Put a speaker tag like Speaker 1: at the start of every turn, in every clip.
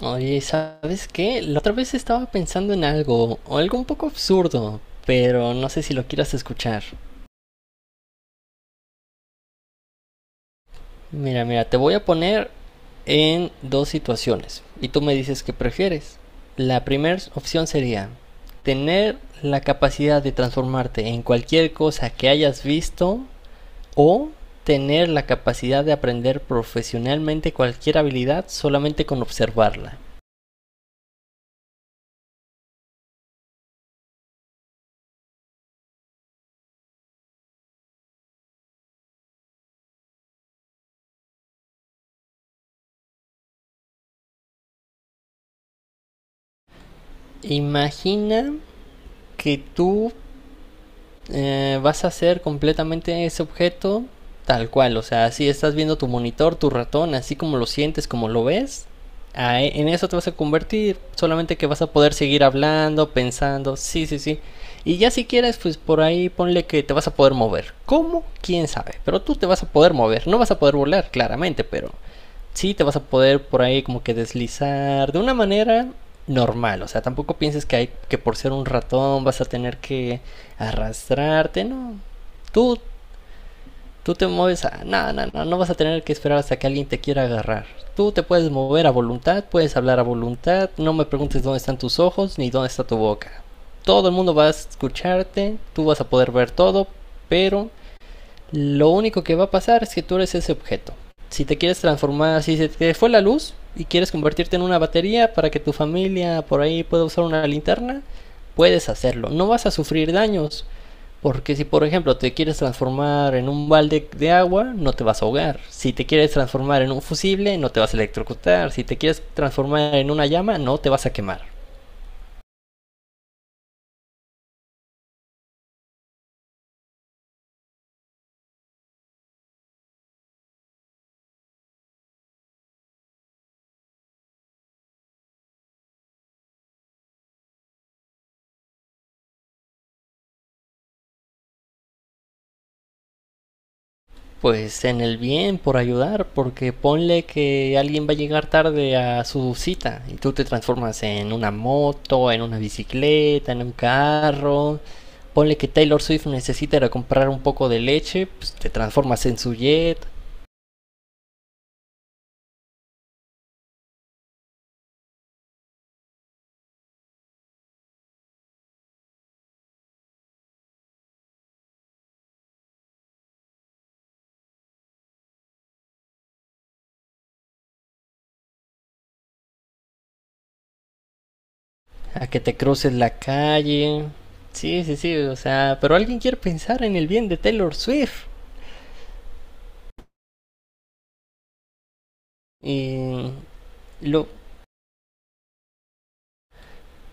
Speaker 1: Oye, ¿sabes qué? La otra vez estaba pensando en algo, o algo un poco absurdo, pero no sé si lo quieras escuchar. Mira, te voy a poner en dos situaciones y tú me dices qué prefieres. La primera opción sería tener la capacidad de transformarte en cualquier cosa que hayas visto o tener la capacidad de aprender profesionalmente cualquier habilidad solamente con observarla. Imagina que tú vas a hacer completamente ese objeto tal cual. O sea, si estás viendo tu monitor, tu ratón, así como lo sientes, como lo ves, en eso te vas a convertir. Solamente que vas a poder seguir hablando, pensando. Sí, sí, sí. Y ya si quieres, pues por ahí ponle que te vas a poder mover. ¿Cómo? ¿Quién sabe? Pero tú te vas a poder mover. No vas a poder volar, claramente, pero sí te vas a poder por ahí como que deslizar de una manera normal. O sea, tampoco pienses que hay que por ser un ratón vas a tener que arrastrarte, no. Tú tú te mueves a no, no, no, no vas a tener que esperar hasta que alguien te quiera agarrar. Tú te puedes mover a voluntad, puedes hablar a voluntad, no me preguntes dónde están tus ojos ni dónde está tu boca. Todo el mundo va a escucharte, tú vas a poder ver todo, pero lo único que va a pasar es que tú eres ese objeto. Si te quieres transformar, si se te fue la luz y quieres convertirte en una batería para que tu familia por ahí pueda usar una linterna, puedes hacerlo. No vas a sufrir daños. Porque si por ejemplo te quieres transformar en un balde de agua, no te vas a ahogar. Si te quieres transformar en un fusible, no te vas a electrocutar. Si te quieres transformar en una llama, no te vas a quemar. Pues en el bien, por ayudar, porque ponle que alguien va a llegar tarde a su cita y tú te transformas en una moto, en una bicicleta, en un carro. Ponle que Taylor Swift necesita ir a comprar un poco de leche, pues te transformas en su jet, a que te cruces la calle. Sí, sí, sí, o sea, pero alguien quiere pensar en el bien de Taylor Swift. Y lo,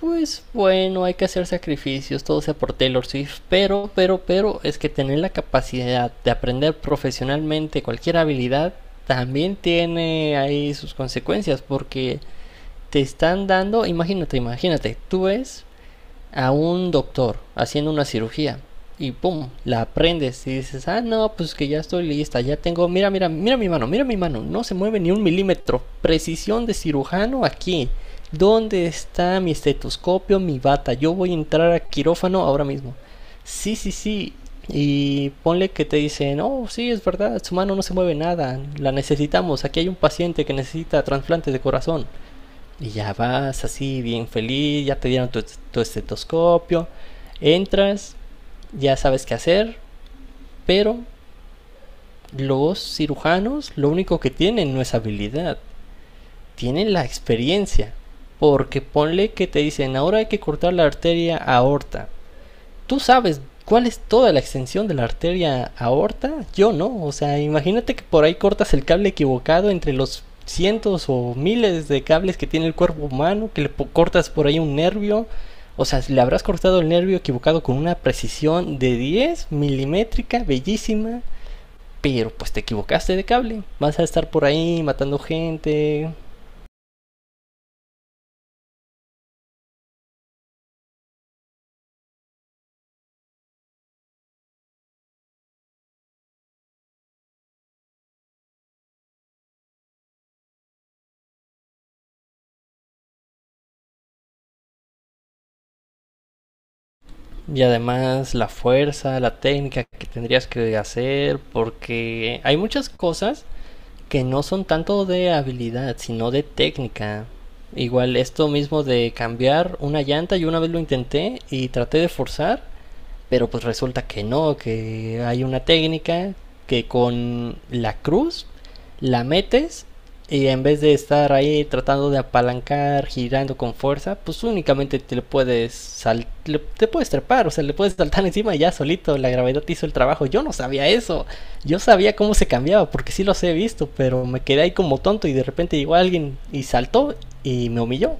Speaker 1: Pues bueno, hay que hacer sacrificios, todo sea por Taylor Swift, pero es que tener la capacidad de aprender profesionalmente cualquier habilidad también tiene ahí sus consecuencias porque te están dando, imagínate, tú ves a un doctor haciendo una cirugía y pum, la aprendes y dices, ah, no, pues que ya estoy lista, ya tengo, mira mi mano, mira mi mano, no se mueve ni un milímetro, precisión de cirujano aquí, ¿dónde está mi estetoscopio, mi bata? Yo voy a entrar a quirófano ahora mismo. Sí, sí, sí, y ponle que te dicen, oh, sí, es verdad, su mano no se mueve nada, la necesitamos, aquí hay un paciente que necesita trasplante de corazón. Y ya vas así, bien feliz, ya te dieron tu estetoscopio, entras, ya sabes qué hacer, pero los cirujanos lo único que tienen no es habilidad, tienen la experiencia. Porque ponle que te dicen, ahora hay que cortar la arteria aorta, tú sabes cuál es toda la extensión de la arteria aorta, yo no. O sea, imagínate que por ahí cortas el cable equivocado entre los cientos o miles de cables que tiene el cuerpo humano, que le cortas por ahí un nervio. O sea, le habrás cortado el nervio equivocado con una precisión de 10 milimétrica, bellísima, pero pues te equivocaste de cable. Vas a estar por ahí matando gente. Y además la fuerza, la técnica que tendrías que hacer, porque hay muchas cosas que no son tanto de habilidad, sino de técnica. Igual esto mismo de cambiar una llanta, yo una vez lo intenté y traté de forzar pero pues resulta que no, que hay una técnica que con la cruz la metes y en vez de estar ahí tratando de apalancar, girando con fuerza, pues únicamente te le puedes sal le te puedes trepar, o sea, le puedes saltar encima y ya solito, la gravedad hizo el trabajo. Yo no sabía eso. Yo sabía cómo se cambiaba porque sí los he visto, pero me quedé ahí como tonto y de repente llegó alguien y saltó y me humilló.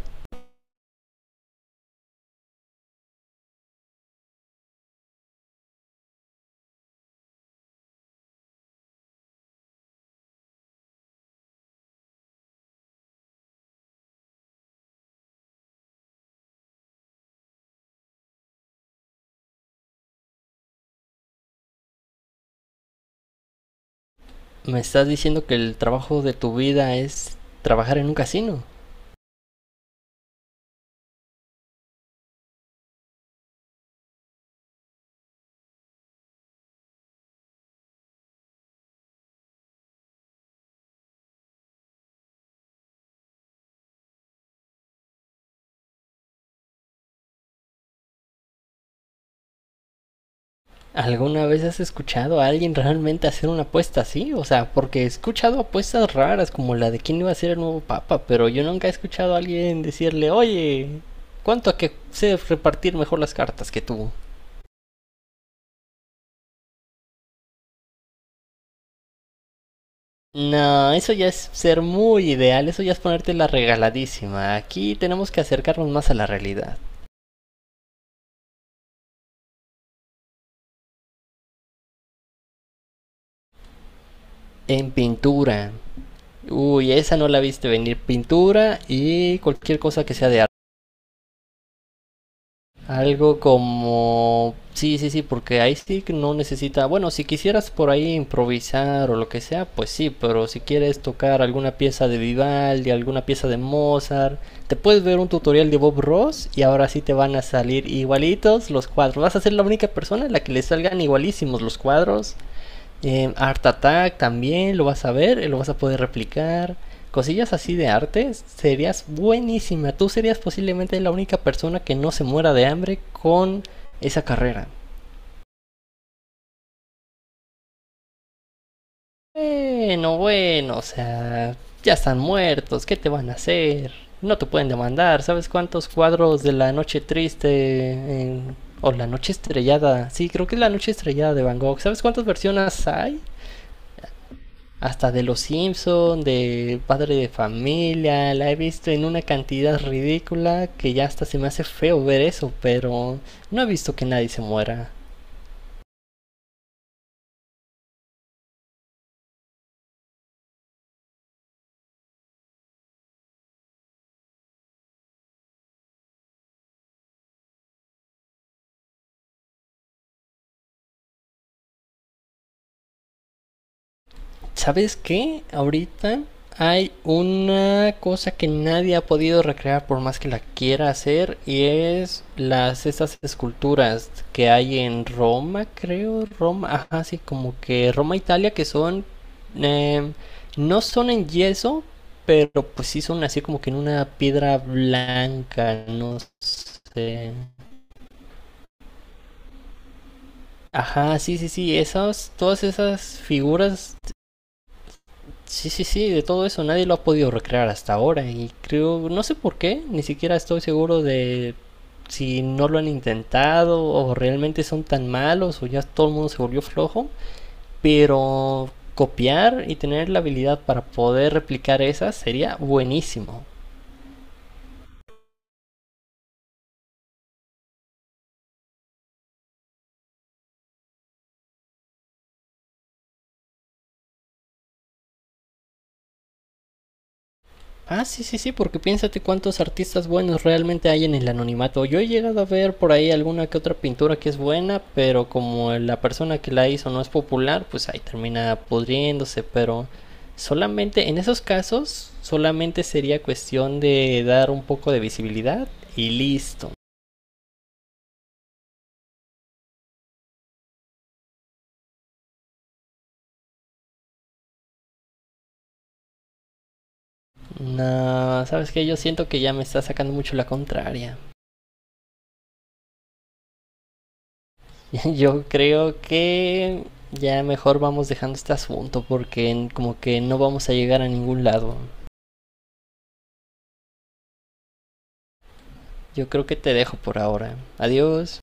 Speaker 1: Me estás diciendo que el trabajo de tu vida es trabajar en un casino. ¿Alguna vez has escuchado a alguien realmente hacer una apuesta así? O sea, porque he escuchado apuestas raras como la de quién iba a ser el nuevo papa, pero yo nunca he escuchado a alguien decirle, oye, ¿cuánto a que sé repartir mejor las cartas que tú? No, eso ya es ser muy ideal, eso ya es ponerte la regaladísima. Aquí tenemos que acercarnos más a la realidad. En pintura. Uy, esa no la viste venir. Pintura y cualquier cosa que sea de arte. Algo como... Sí, sí, sí, porque ahí sí que no necesita... Bueno, si quisieras por ahí improvisar o lo que sea, pues sí, pero si quieres tocar alguna pieza de Vivaldi, alguna pieza de Mozart, te puedes ver un tutorial de Bob Ross y ahora sí te van a salir igualitos los cuadros. Vas a ser la única persona a la que le salgan igualísimos los cuadros. Art Attack también lo vas a ver, lo vas a poder replicar. Cosillas así de arte, serías buenísima. Tú serías posiblemente la única persona que no se muera de hambre con esa carrera. Bueno, bueno, o sea, ya están muertos, ¿qué te van a hacer? No te pueden demandar, ¿sabes cuántos cuadros de la noche triste o la noche estrellada? Sí, creo que es la noche estrellada de Van Gogh. ¿Sabes cuántas versiones hay? Hasta de Los Simpson, de Padre de Familia, la he visto en una cantidad ridícula que ya hasta se me hace feo ver eso, pero no he visto que nadie se muera. ¿Sabes qué? Ahorita hay una cosa que nadie ha podido recrear por más que la quiera hacer y es las estas esculturas que hay en Roma, creo, Roma, ajá, sí, como que Roma, Italia, que son em, no son en yeso, pero pues sí son así como que en una piedra blanca, no sé. Ajá, sí, sí, sí, esas, todas esas figuras. Sí, sí, sí, de todo eso nadie lo ha podido recrear hasta ahora y creo, no sé por qué, ni siquiera estoy seguro de si no lo han intentado o realmente son tan malos o ya todo el mundo se volvió flojo, pero copiar y tener la habilidad para poder replicar esas sería buenísimo. Ah, sí, sí, sí, porque piénsate cuántos artistas buenos realmente hay en el anonimato. Yo he llegado a ver por ahí alguna que otra pintura que es buena, pero como la persona que la hizo no es popular, pues ahí termina pudriéndose, pero solamente en esos casos solamente sería cuestión de dar un poco de visibilidad y listo. No, sabes que yo siento que ya me está sacando mucho la contraria. Yo creo que ya mejor vamos dejando este asunto porque como que no vamos a llegar a ningún lado. Yo creo que te dejo por ahora. Adiós.